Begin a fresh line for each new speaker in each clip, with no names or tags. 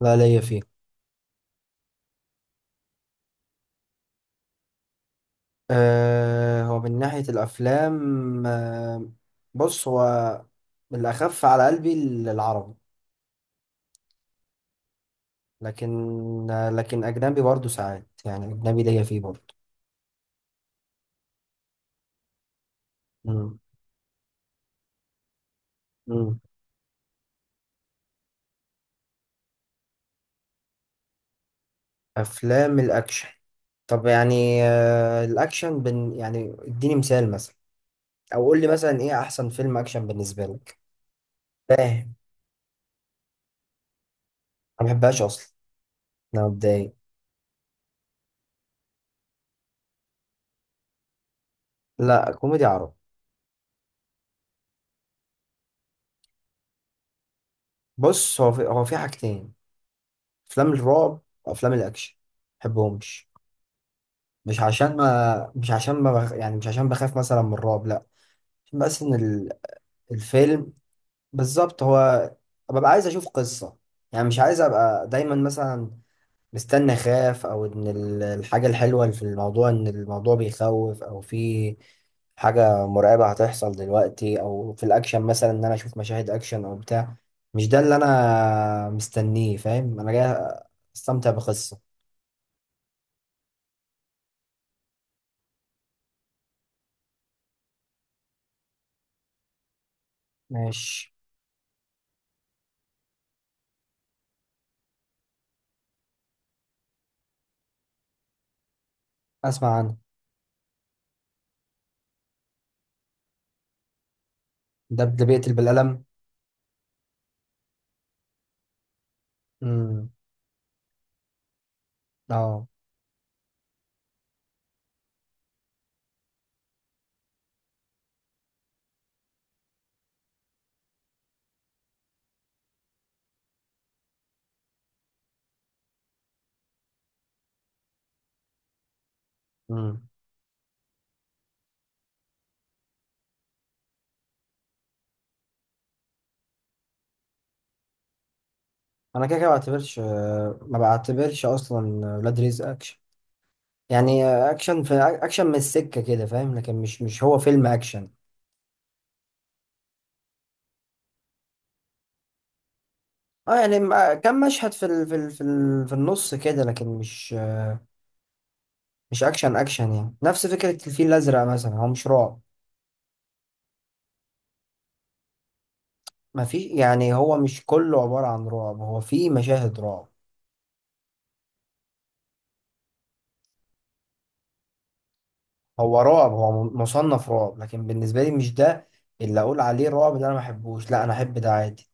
لا ليا فيه. هو من ناحية الأفلام. أه. بص هو الأخف على قلبي العربي. لكن، أجنبي برضه ساعات، يعني أجنبي ليا فيه برضه. مم. مم. أفلام الأكشن، طب يعني الأكشن يعني اديني مثال مثلا، أو قول لي مثلا إيه أحسن فيلم أكشن بالنسبة لك؟ فاهم. أنا ما بحبهاش أصلا، أنا متضايق. لا، كوميدي عربي. بص، هو في حاجتين: افلام الرعب وافلام الاكشن، بحبهمش. مش عشان ما مش عشان ما بخ... يعني مش عشان بخاف مثلا من الرعب، لا. عشان بس الفيلم بالظبط، هو ببقى عايز اشوف قصة. يعني مش عايز ابقى دايما مثلا مستني اخاف، او ان الحاجة الحلوة اللي في الموضوع ان الموضوع بيخوف او في حاجة مرعبة هتحصل دلوقتي، أو في الأكشن مثلا إن أنا أشوف مشاهد أكشن أو بتاع. مش ده اللي أنا مستنيه. فاهم؟ أنا جاي أستمتع بقصة. ماشي. اسمع عنه. ده اللي بيقتل بالقلم؟ امم. اه. امم. انا كده كده ما بعتبرش، ما بعتبرش اصلا ولاد رزق اكشن. يعني اكشن في اكشن من السكه كده، فاهم، لكن مش هو فيلم اكشن. اه يعني كم مشهد في النص كده، لكن مش، مش اكشن اكشن. يعني نفس فكره الفيل الازرق مثلا، هو مش رعب. ما في، يعني هو مش كله عباره عن رعب، هو في مشاهد رعب. هو رعب، هو مصنف رعب، لكن بالنسبة لي مش ده اللي أقول عليه رعب. ده أنا ما أحبوش. لا، أنا أحب ده عادي،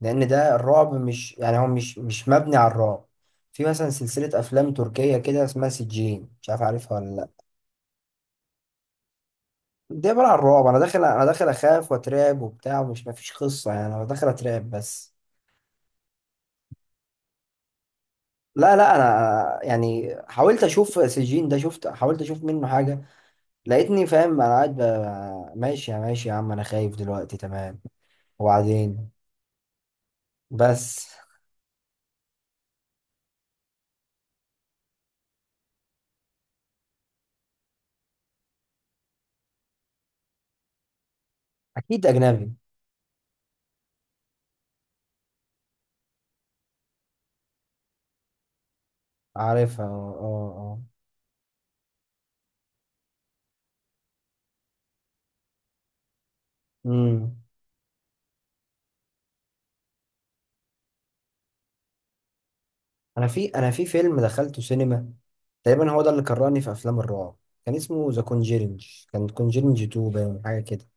لأن ده الرعب، مش يعني هو مش مبني على الرعب. في مثلا سلسلة أفلام تركية كده اسمها سجين، مش عارف عارفها ولا لأ. دي عبارة عن رعب. أنا داخل أخاف وأترعب وبتاع، ومش مفيش قصة. يعني أنا داخل أترعب بس. لا لا، أنا يعني حاولت أشوف سجين ده، شفت حاولت أشوف منه حاجة، لقيتني فاهم أنا قاعد ماشي يا ماشي يا عم، أنا خايف دلوقتي، تمام، وبعدين بس. اكيد اجنبي. عارفها اه. اه. اه. امم. انا في فيلم دخلته سينما تقريبا، هو ده اللي كرهني في افلام الرعب. كان اسمه ذا كونجيرنج. كان كونجيرنج 2 باين، حاجه كده.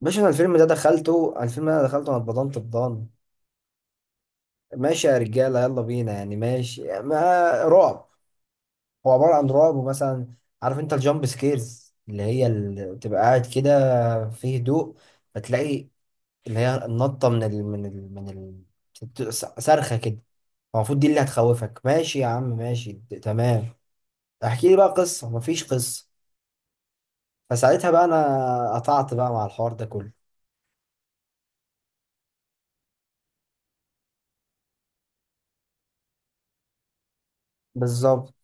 باشا انا الفيلم ده دخلته، الفيلم ده أنا دخلته انا اتبضنت بضان. ماشي يا رجاله يلا بينا، يعني ماشي. ما رعب، هو عباره عن رعب. ومثلا عارف انت الجامب سكيرز؟ اللي هي اللي بتبقى قاعد كده في هدوء فتلاقي اللي هي النطة من ال بت- صرخة كده. هو المفروض دي اللي هتخوفك. ماشي يا عم ماشي، تمام. احكي لي بقى قصة، مفيش قصة. فساعتها بقى انا قطعت بقى مع الحوار ده كله. بالظبط.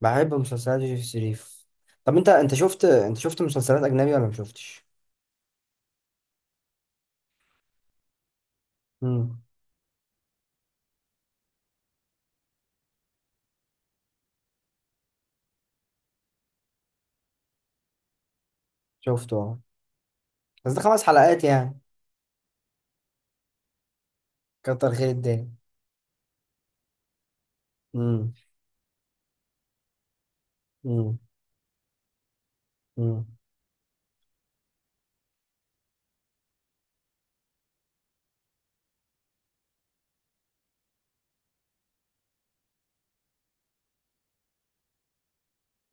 بحب مسلسلات يوسف شريف. طب انت شفت مسلسلات اجنبي ولا ما شفتش؟ امم. شفته اه. بس ده خمس حلقات يعني. كتر خير الدنيا. امم. امم. امم.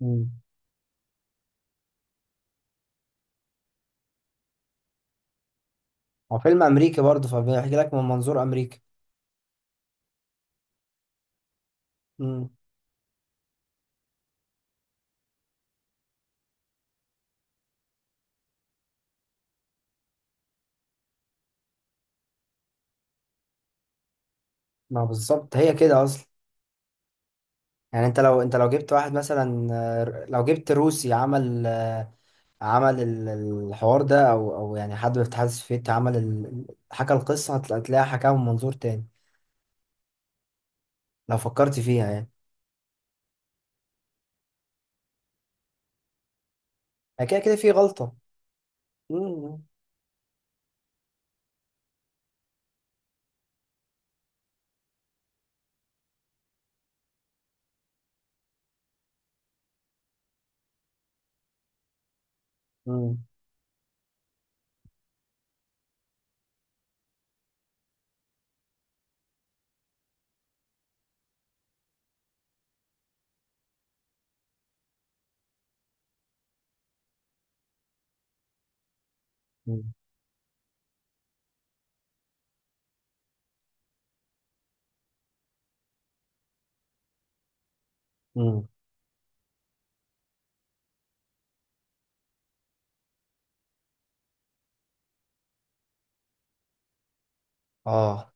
امم. هو فيلم امريكي برضه، فبيحكي لك من منظور امريكا. امم. ما بالظبط هي كده اصلا. يعني انت لو، جبت واحد مثلا، لو جبت روسي عمل، عمل الحوار ده، او او يعني حد من الاتحاد السوفيتي عمل حكى القصه، هتلاقيها حكاها من منظور تاني، لو فكرت فيها يعني. يعني كده كده في غلطه. مم. مم. مم. مم. اه،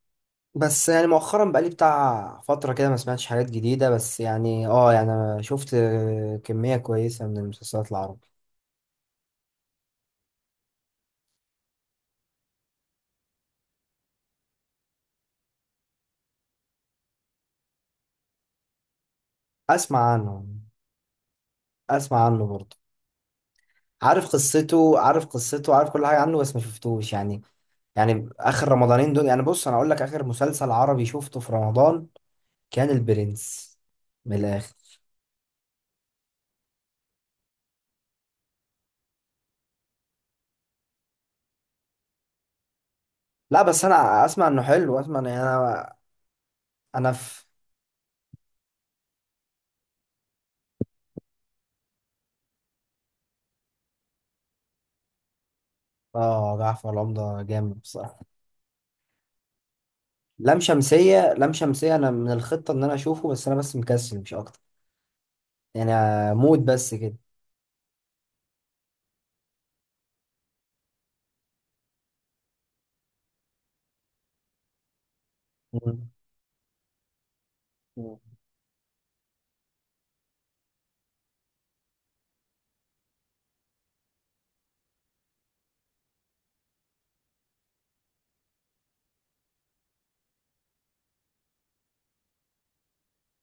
بس يعني مؤخرا بقالي بتاع فتره كده ما سمعتش حاجات جديده، بس يعني اه، يعني انا شفت، كميه كويسه من المسلسلات العربية. اسمع عنه. اسمع عنه برضه. عارف قصته عارف كل حاجة عنه، بس ما شفتوش يعني. يعني آخر رمضانين دول، يعني بص أنا أقول لك، آخر مسلسل عربي شفته في رمضان كان البرنس، من الآخر. لا بس أنا أسمع إنه حلو، أسمع إن أنا، أنا في، آه جعفر العمدة جامد بصراحة. لام شمسية، أنا من الخطة إن أنا أشوفه، بس أنا بس مكسل مش أكتر يعني، موت بس كده. مم. مم.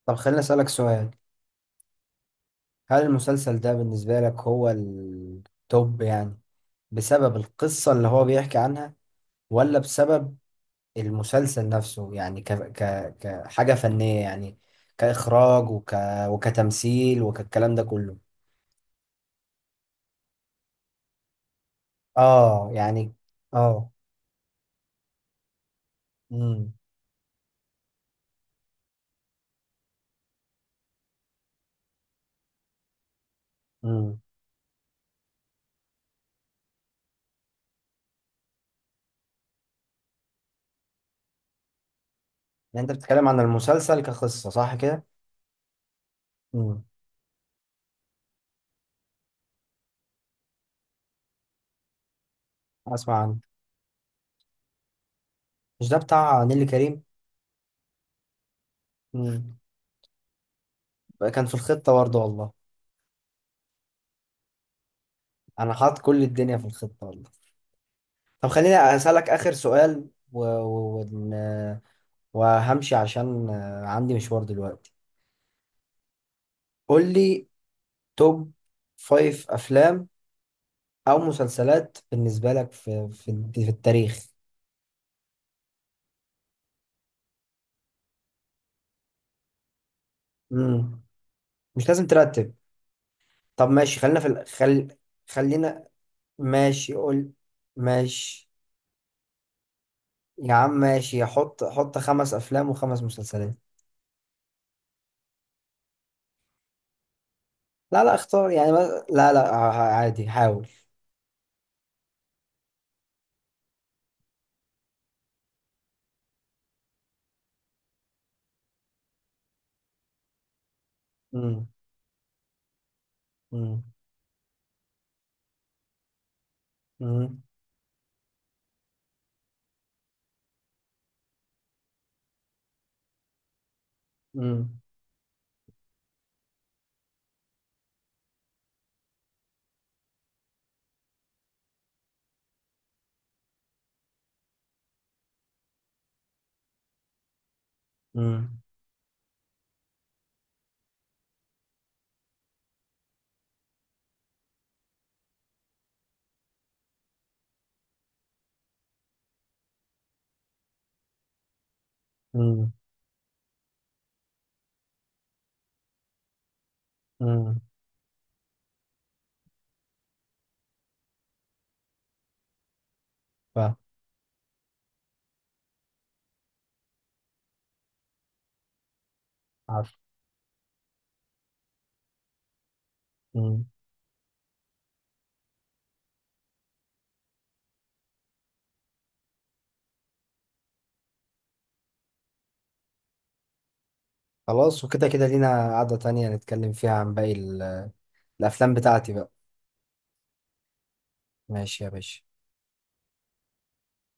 طب خليني أسألك سؤال: هل المسلسل ده بالنسبة لك هو التوب يعني بسبب القصة اللي هو بيحكي عنها، ولا بسبب المسلسل نفسه يعني كحاجة فنية يعني، كإخراج وكتمثيل وكالكلام ده كله؟ اه يعني. اه. امم. امم. يعني انت بتتكلم عن المسلسل كقصة، صح كده؟ امم. اسمع عنه. مش ده بتاع نيلي كريم؟ امم. كان في الخطة برضه والله. انا حاطط كل الدنيا في الخطة والله. طب خليني اسألك اخر سؤال وهمشي عشان عندي مشوار دلوقتي. قول لي توب فايف افلام او مسلسلات بالنسبه لك في التاريخ. مم. مش لازم ترتب. طب ماشي، خلينا في خلينا، ماشي قول، ماشي، يا عم ماشي، حط، خمس افلام وخمس مسلسلات. لا لا، اختار يعني، ما... لا لا، عادي حاول. مم. مم. مم. مم. مم. مم. مم. فاهم. عارف. مم. خلاص، وكده كده لينا قعدة تانية نتكلم فيها عن باقي الافلام بتاعتي بقى. ماشي يا باشا.